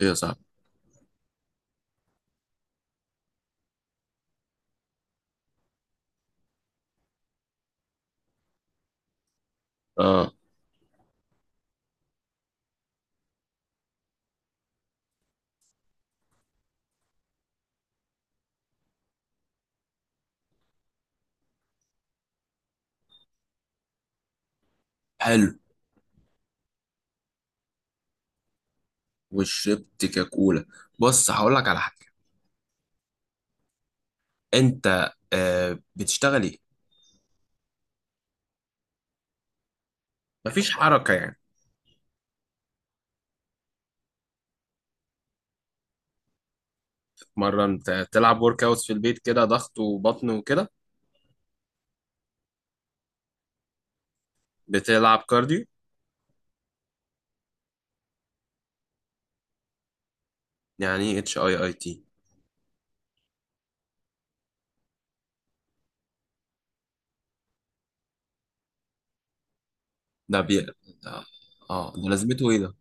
ايه يا صاحبي. اه. حلو. وشربت كاكولا. بص، هقول لك على حاجه. انت بتشتغل ايه؟ مفيش حركه يعني. مره انت تلعب ورك اوت في البيت كده، ضغط وبطن وكده؟ بتلعب كارديو؟ يعني ايه اتش اي اي تي؟ ده بي اه. ده لازمته ايه ده؟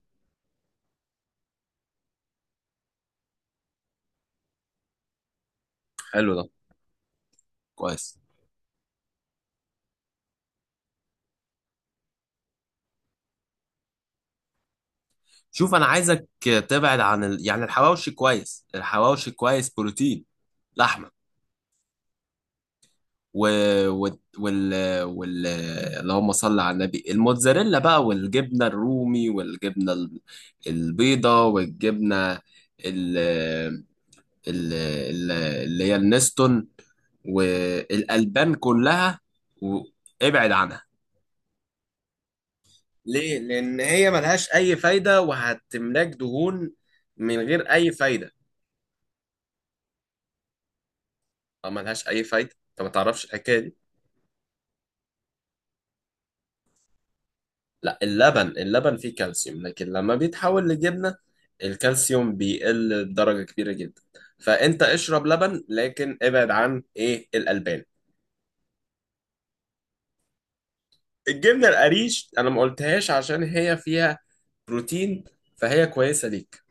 حلو ده. كويس. شوف، انا عايزك تبعد عن يعني الحواوشي كويس، الحواوشي كويس بروتين، لحمه. و... وال... وال... وال... اللهم صل على النبي، الموتزاريلا بقى، والجبنة الرومي، والجبنة البيضة، والجبنة ال... ال... ال- اللي هي النستون، والألبان كلها. وابعد عنها. ليه؟ لأن هي ملهاش أي فايدة، وهتملاك دهون من غير أي فايدة. أو ملهاش أي فايدة، أنت ما تعرفش الحكاية دي. لا، اللبن فيه كالسيوم، لكن لما بيتحول لجبنة الكالسيوم بيقل بدرجة كبيرة جدا. فانت اشرب لبن، لكن ابعد عن ايه الألبان. الجبنة القريش انا ما قلتهاش عشان هي فيها بروتين، فهي كويسة ليك.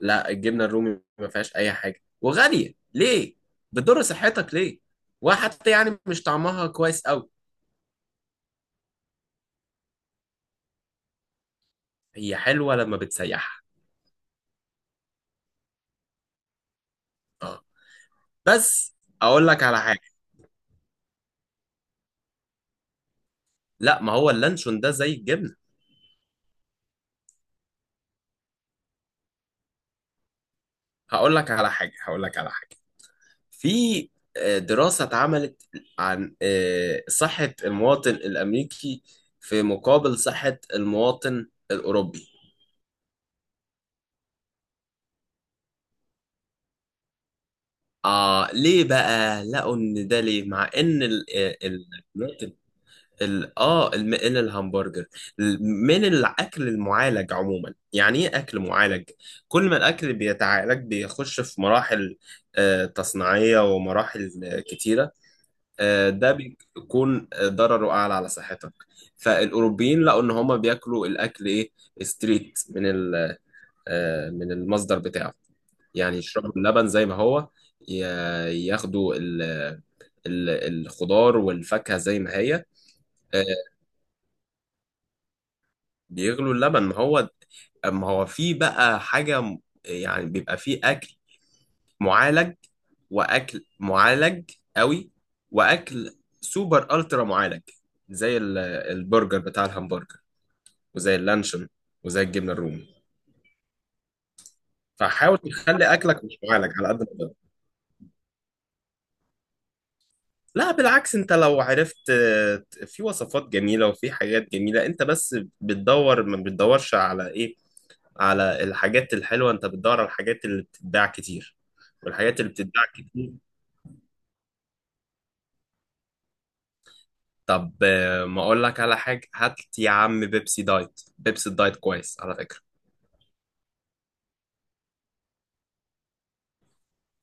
لا، الجبنة الرومي ما فيهاش اي حاجة، وغالية ليه، بتضر صحتك ليه، وحتى يعني مش طعمها كويس قوي. هي حلوة لما بتسيحها. اه. بس اقول لك على حاجة. لا، ما هو اللانشون ده زي الجبنة. هقول لك على حاجة. في دراسة اتعملت عن صحة المواطن الأمريكي في مقابل صحة المواطن الأوروبي. آه، ليه بقى؟ لقوا إن ده ليه، مع إن ال ال إن الهمبرجر، من الأكل المعالج عموما. يعني إيه أكل معالج؟ كل ما الأكل بيتعالج بيخش في مراحل تصنيعية، ومراحل كتيرة. ده بيكون ضرره اعلى على صحتك. فالاوروبيين لقوا ان هما بياكلوا الاكل ايه، ستريت من من المصدر بتاعه. يعني يشربوا اللبن زي ما هو، ي- ياخدوا ال- الخضار والفاكهة زي ما هي. آه، بيغلوا اللبن. ما هو في بقى حاجة يعني بيبقى فيه أكل معالج، واكل معالج قوي، واكل سوبر الترا معالج، زي البرجر بتاع الهمبرجر، وزي اللانشون، وزي الجبنه الرومي. فحاول تخلي اكلك مش معالج على قد ما تقدر. لا بالعكس، انت لو عرفت، في وصفات جميله وفي حاجات جميله. انت بس بتدور، ما بتدورش على ايه، على الحاجات الحلوه، انت بتدور على الحاجات اللي بتتباع كتير، والحاجات اللي بتتباع كتير. طب ما اقول لك على حاجه. هات يا عم بيبسي دايت، بيبسي دايت كويس على فكره.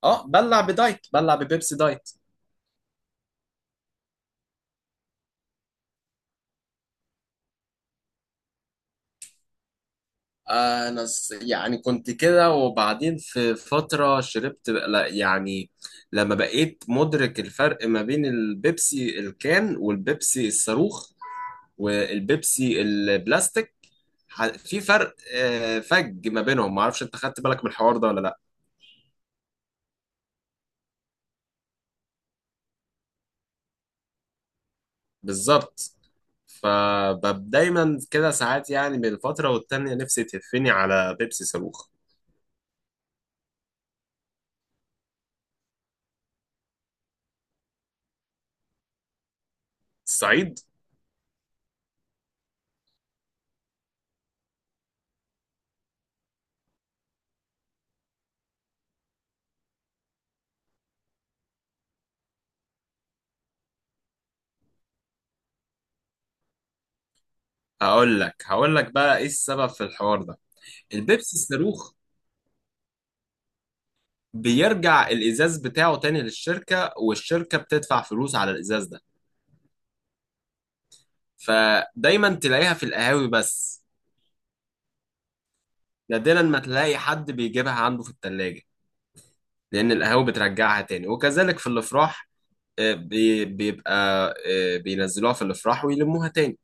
اه، بلع بدايت، بلع ببيبسي دايت. انا يعني كنت كده، وبعدين في فتره شربت لا يعني، لما بقيت مدرك الفرق ما بين البيبسي الكان والبيبسي الصاروخ والبيبسي البلاستيك. في فرق فج ما بينهم، ما اعرفش انت خدت بالك من الحوار ده ولا لا. بالظبط. فدايما كده ساعات يعني بين فترة والتانية نفسي تهفني على بيبسي صاروخ. الصعيد. هقول لك بقى ايه السبب في الحوار ده. البيبسي الصاروخ بيرجع الازاز بتاعه تاني للشركة، والشركة بتدفع فلوس على الازاز ده. فدايما تلاقيها في القهاوي بس. نادرا ما تلاقي حد بيجيبها عنده في التلاجة، لان القهاوي بترجعها تاني، وكذلك في الافراح. بيبقى بينزلوها في الافراح ويلموها تاني.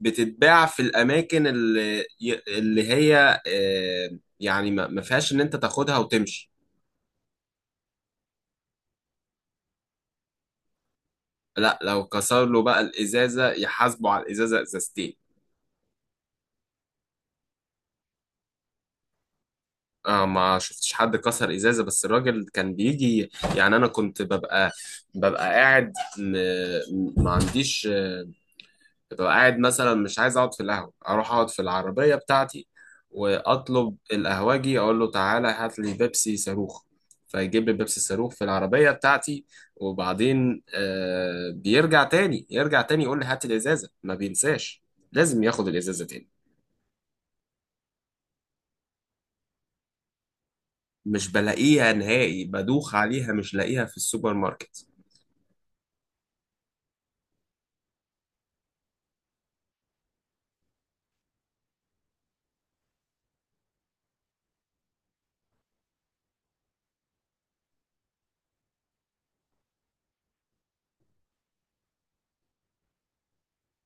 بتتباع في الاماكن اللي اللي هي آه، يعني ما فيهاش ان انت تاخدها وتمشي. لا، لو كسر له بقى الازازه، يحاسبه على الازازه، ازازتين. آه، ما شفتش حد كسر ازازه، بس الراجل كان بيجي. يعني انا كنت ببقى قاعد م- ما عنديش ببقى قاعد مثلا، مش عايز اقعد في القهوة، اروح اقعد في العربية بتاعتي، واطلب القهوجي، اقول له تعالى هات لي بيبسي صاروخ. فيجيب لي بيبسي صاروخ في العربية بتاعتي، وبعدين بيرجع تاني، يرجع تاني يقول لي هات الازازة، ما بينساش لازم ياخد الازازة تاني. مش بلاقيها نهائي، بدوخ عليها مش لاقيها في السوبر ماركت.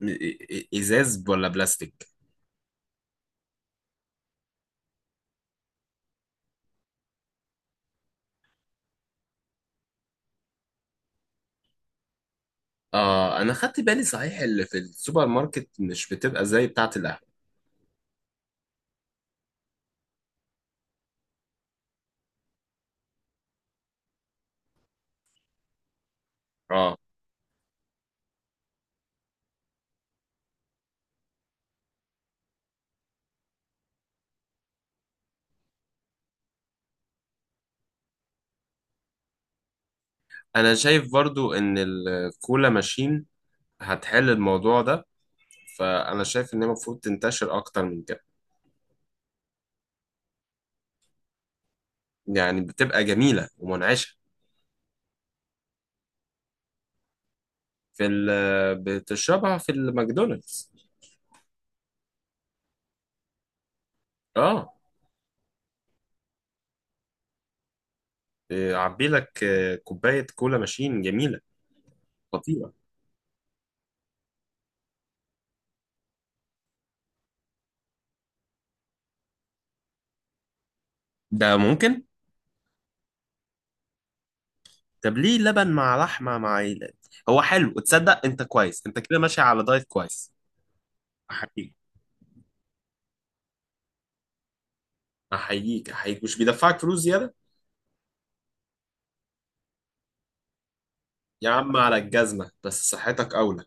ازاز ولا بلاستيك؟ اه، انا خدت بالي صحيح، اللي في السوبر ماركت مش بتبقى زي بتاعة القهوة. اه. انا شايف برضو ان الكولا ماشين هتحل الموضوع ده، فانا شايف ان هي المفروض تنتشر اكتر من كده. يعني بتبقى جميله ومنعشه. في ال بتشربها في الماكدونالدز. اه. عبي لك كوبايه كولا ماشين جميله، خطيره. ده ممكن. طب ليه لبن مع لحمه مع هو حلو، تصدق انت كويس، انت كده ماشي على دايت كويس. احييك، احييك، احييك. مش بيدفعك فلوس زياده؟ يا عم على الجزمه، بس صحتك اولى.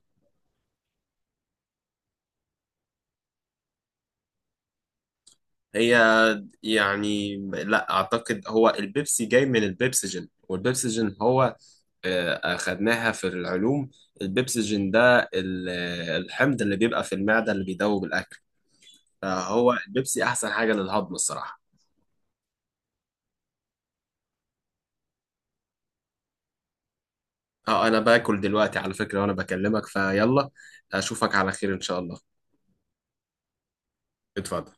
هي يعني لا اعتقد، هو البيبسي جاي من البيبسجين، والبيبسجين هو اخدناها في العلوم. البيبسجين ده الحمض اللي بيبقى في المعدة اللي بيدوب الاكل. فهو البيبسي احسن حاجة للهضم، الصراحة. اه، انا باكل دلوقتي على فكرة وانا بكلمك فيلا. اشوفك على خير ان شاء الله. اتفضل.